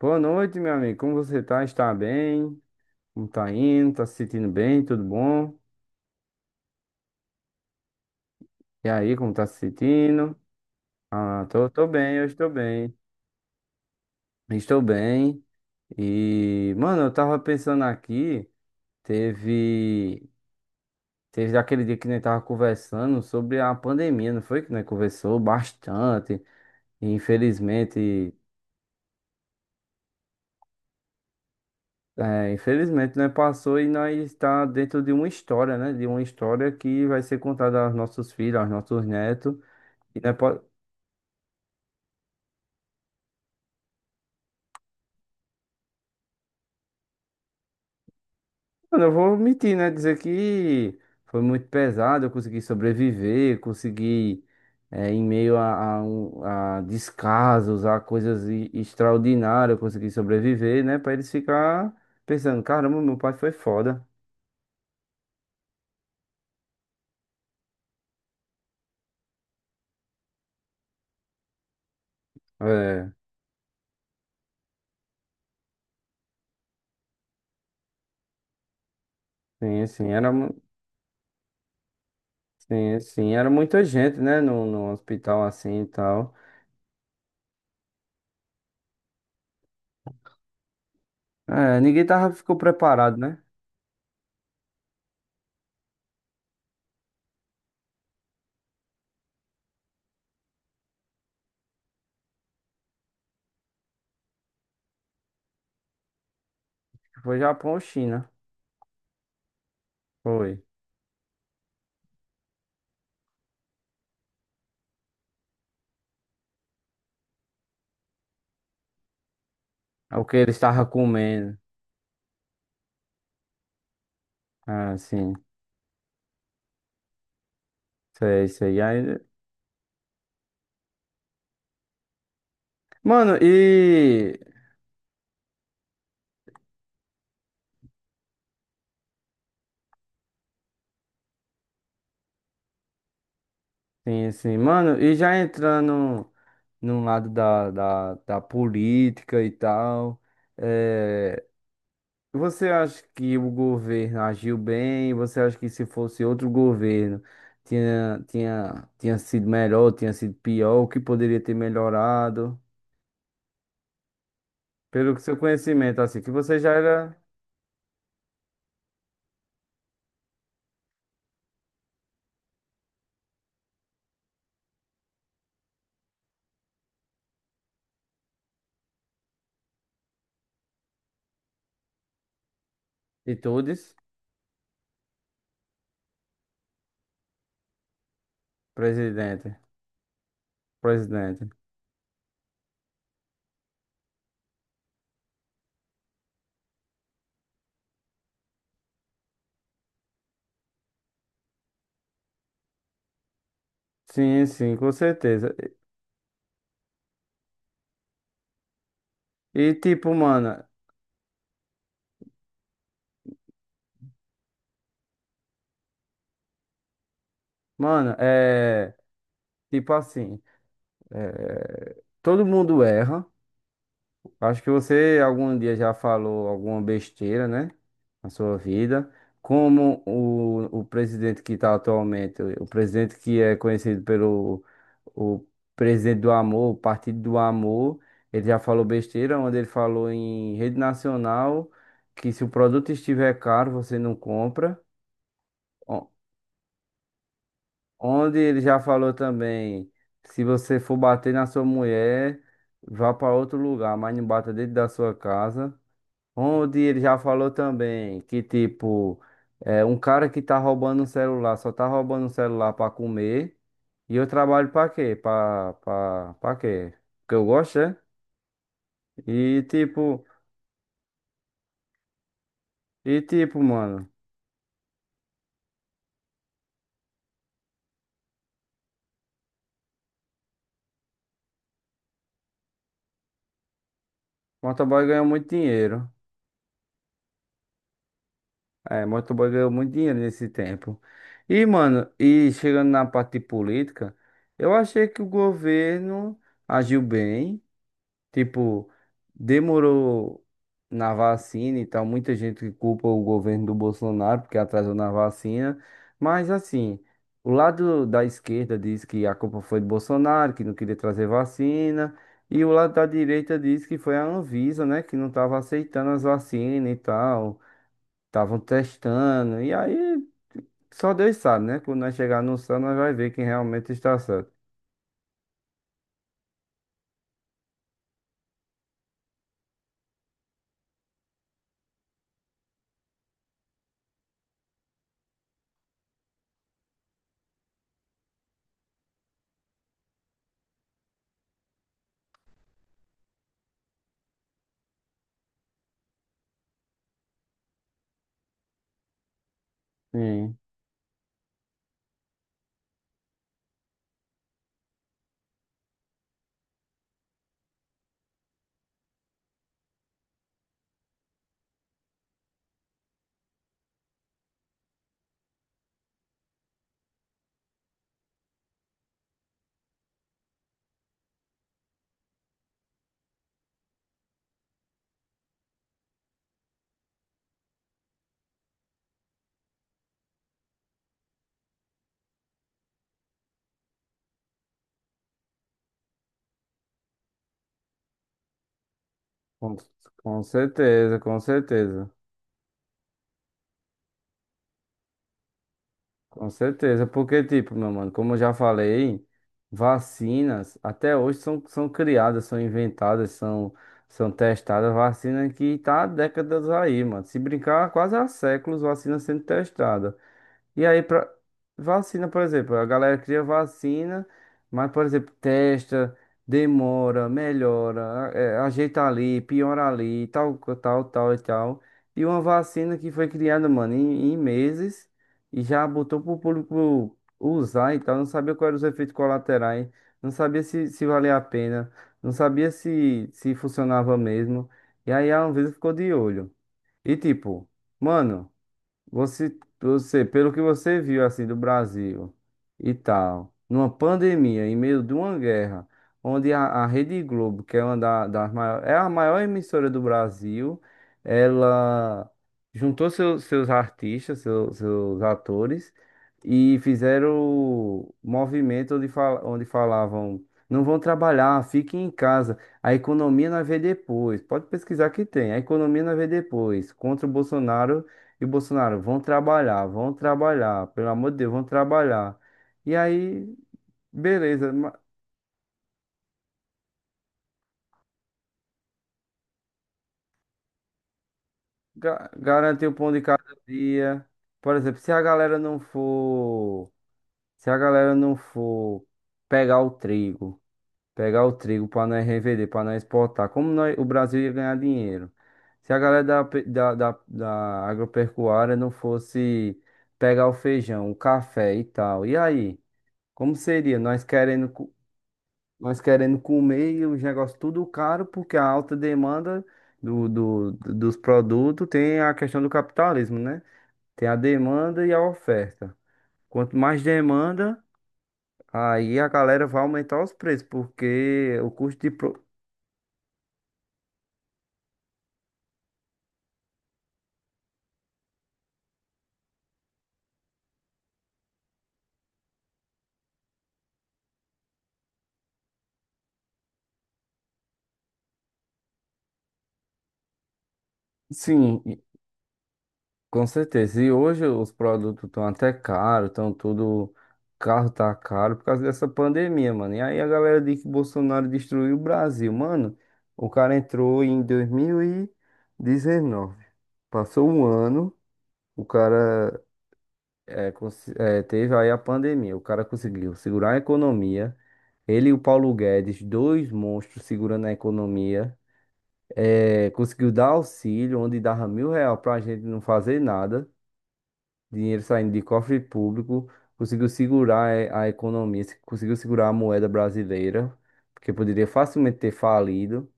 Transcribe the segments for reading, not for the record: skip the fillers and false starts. Boa noite, meu amigo. Como você tá? Está bem? Como tá indo? Tá se sentindo bem? Tudo bom? E aí, como tá se sentindo? Ah, tô bem, eu estou bem. Estou bem. E, mano, eu tava pensando aqui, teve, teve daquele dia que nós tava conversando sobre a pandemia, não foi? Que nós conversou bastante. E, infelizmente, é, infelizmente, nós passou e nós está dentro de uma história, né? De uma história que vai ser contada aos nossos filhos, aos nossos netos. E não é. Mano, eu vou omitir, né? Dizer que foi muito pesado, eu consegui sobreviver, consegui, em meio a descasos, a coisas extraordinárias, eu consegui sobreviver, né? Pra eles ficar pensando, caramba, meu pai foi foda. É, sim, sim, sim, sim, era muita gente, né? No hospital assim e tal. É, ninguém ficou preparado, né? Foi Japão ou China, foi. É o que eles estavam comendo. Ah, sim. Sei, sei. E aí, mano, e. Sim, sim. Mano, e já entrando num lado da política e tal. é... Você acha que o governo agiu bem? Você acha que se fosse outro governo tinha sido melhor, tinha sido pior? O que poderia ter melhorado? Pelo seu conhecimento, assim, que você já era de todos, presidente. Presidente. Sim, sim, com certeza. E tipo, mano. Mano, é. Tipo assim, todo mundo erra. Acho que você algum dia já falou alguma besteira, né? Na sua vida. Como o presidente que está atualmente, o presidente que é conhecido pelo o presidente do amor, o Partido do Amor, ele já falou besteira, onde ele falou em rede nacional que se o produto estiver caro, você não compra. Onde ele já falou também, se você for bater na sua mulher, vá para outro lugar, mas não bata dentro da sua casa. Onde ele já falou também que, tipo, é, um cara que tá roubando um celular, só tá roubando um celular para comer, e eu trabalho para quê? Para quê? Porque eu gosto, é? E tipo, e tipo, mano, motoboy ganha muito dinheiro. É, motoboy ganhou muito dinheiro nesse tempo. E, mano, e chegando na parte de política, eu achei que o governo agiu bem. Tipo, demorou na vacina e tal. Muita gente culpa o governo do Bolsonaro porque atrasou na vacina. Mas, assim, o lado da esquerda diz que a culpa foi do Bolsonaro, que não queria trazer vacina. E o lado da direita diz que foi a Anvisa, né, que não estava aceitando as vacinas e tal. Estavam testando. E aí, só Deus sabe, né? Quando nós chegar no céu, nós vai ver quem realmente está certo. Sim, com, com certeza, com certeza. Com certeza. Porque, tipo, meu mano, como eu já falei, vacinas até hoje são, são criadas, são inventadas, são, são testadas. Vacina que tá há décadas aí, mano. Se brincar, quase há séculos, vacina sendo testada. E aí, pra... vacina, por exemplo, a galera cria vacina, mas, por exemplo, testa, demora, melhora, é, ajeita ali, piora ali, tal, tal, tal e tal. E uma vacina que foi criada, mano, em meses e já botou pro público usar e tal, não sabia quais eram os efeitos colaterais, não sabia se valia a pena, não sabia se funcionava mesmo. E aí a Anvisa ficou de olho. E tipo, mano. Você, você, pelo que você viu assim do Brasil e tal, numa pandemia, em meio de uma guerra, onde a Rede Globo, que é uma das maiores, é a maior emissora do Brasil, ela juntou seus artistas, seus atores e fizeram movimento onde falavam, não vão trabalhar, fiquem em casa. A economia nós vê depois. Pode pesquisar que tem. A economia nós vê depois. Contra o Bolsonaro e Bolsonaro, vão trabalhar, pelo amor de Deus, vão trabalhar. E aí, beleza, garantir o pão de cada dia. Por exemplo, se a galera não for pegar o trigo, pegar o trigo para nós revender, para nós exportar, como nós, o Brasil ia ganhar dinheiro? Se a galera da, pe- da, da, da agropecuária não fosse pegar o feijão, o café e tal, e aí? Como seria? Nós querendo comer e os negócios tudo caro, porque a alta demanda dos produtos tem a questão do capitalismo, né? Tem a demanda e a oferta. Quanto mais demanda, aí a galera vai aumentar os preços, porque o custo de. Sim, com certeza. E hoje os produtos estão até caros, estão tudo. Carro tá caro por causa dessa pandemia, mano. E aí a galera diz que Bolsonaro destruiu o Brasil. Mano, o cara entrou em 2019. Passou um ano, o cara teve aí a pandemia. O cara conseguiu segurar a economia. Ele e o Paulo Guedes, dois monstros segurando a economia. É, conseguiu dar auxílio, onde dava 1.000 real pra gente não fazer nada, dinheiro saindo de cofre público, conseguiu segurar a economia, conseguiu segurar a moeda brasileira, porque poderia facilmente ter falido.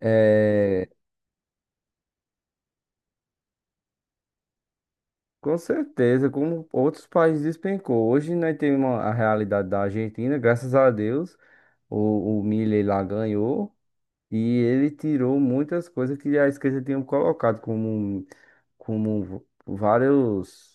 Eh, com certeza, como outros países despencou. Hoje nós temos a realidade da Argentina, graças a Deus, o Milei lá ganhou e ele tirou muitas coisas que a esquerda tinha colocado como, como vários.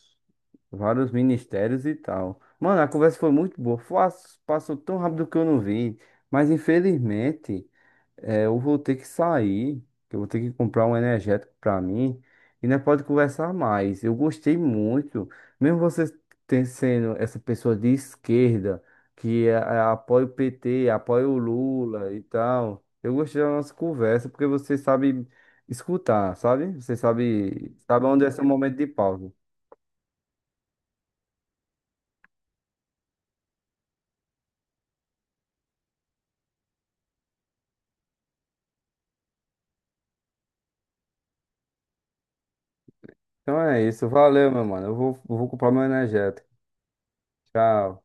Vários ministérios e tal. Mano, a conversa foi muito boa. Passou tão rápido que eu não vi. Mas infelizmente, eu vou ter que sair. Que eu vou ter que comprar um energético pra mim. E nós pode conversar mais. Eu gostei muito. Mesmo você sendo essa pessoa de esquerda, que apoia o PT, apoia o Lula e tal. Eu gostei da nossa conversa porque você sabe escutar, sabe? Você sabe, sabe onde é seu momento de pausa. Então é isso. Valeu, meu mano. Eu vou comprar meu energético. Tchau.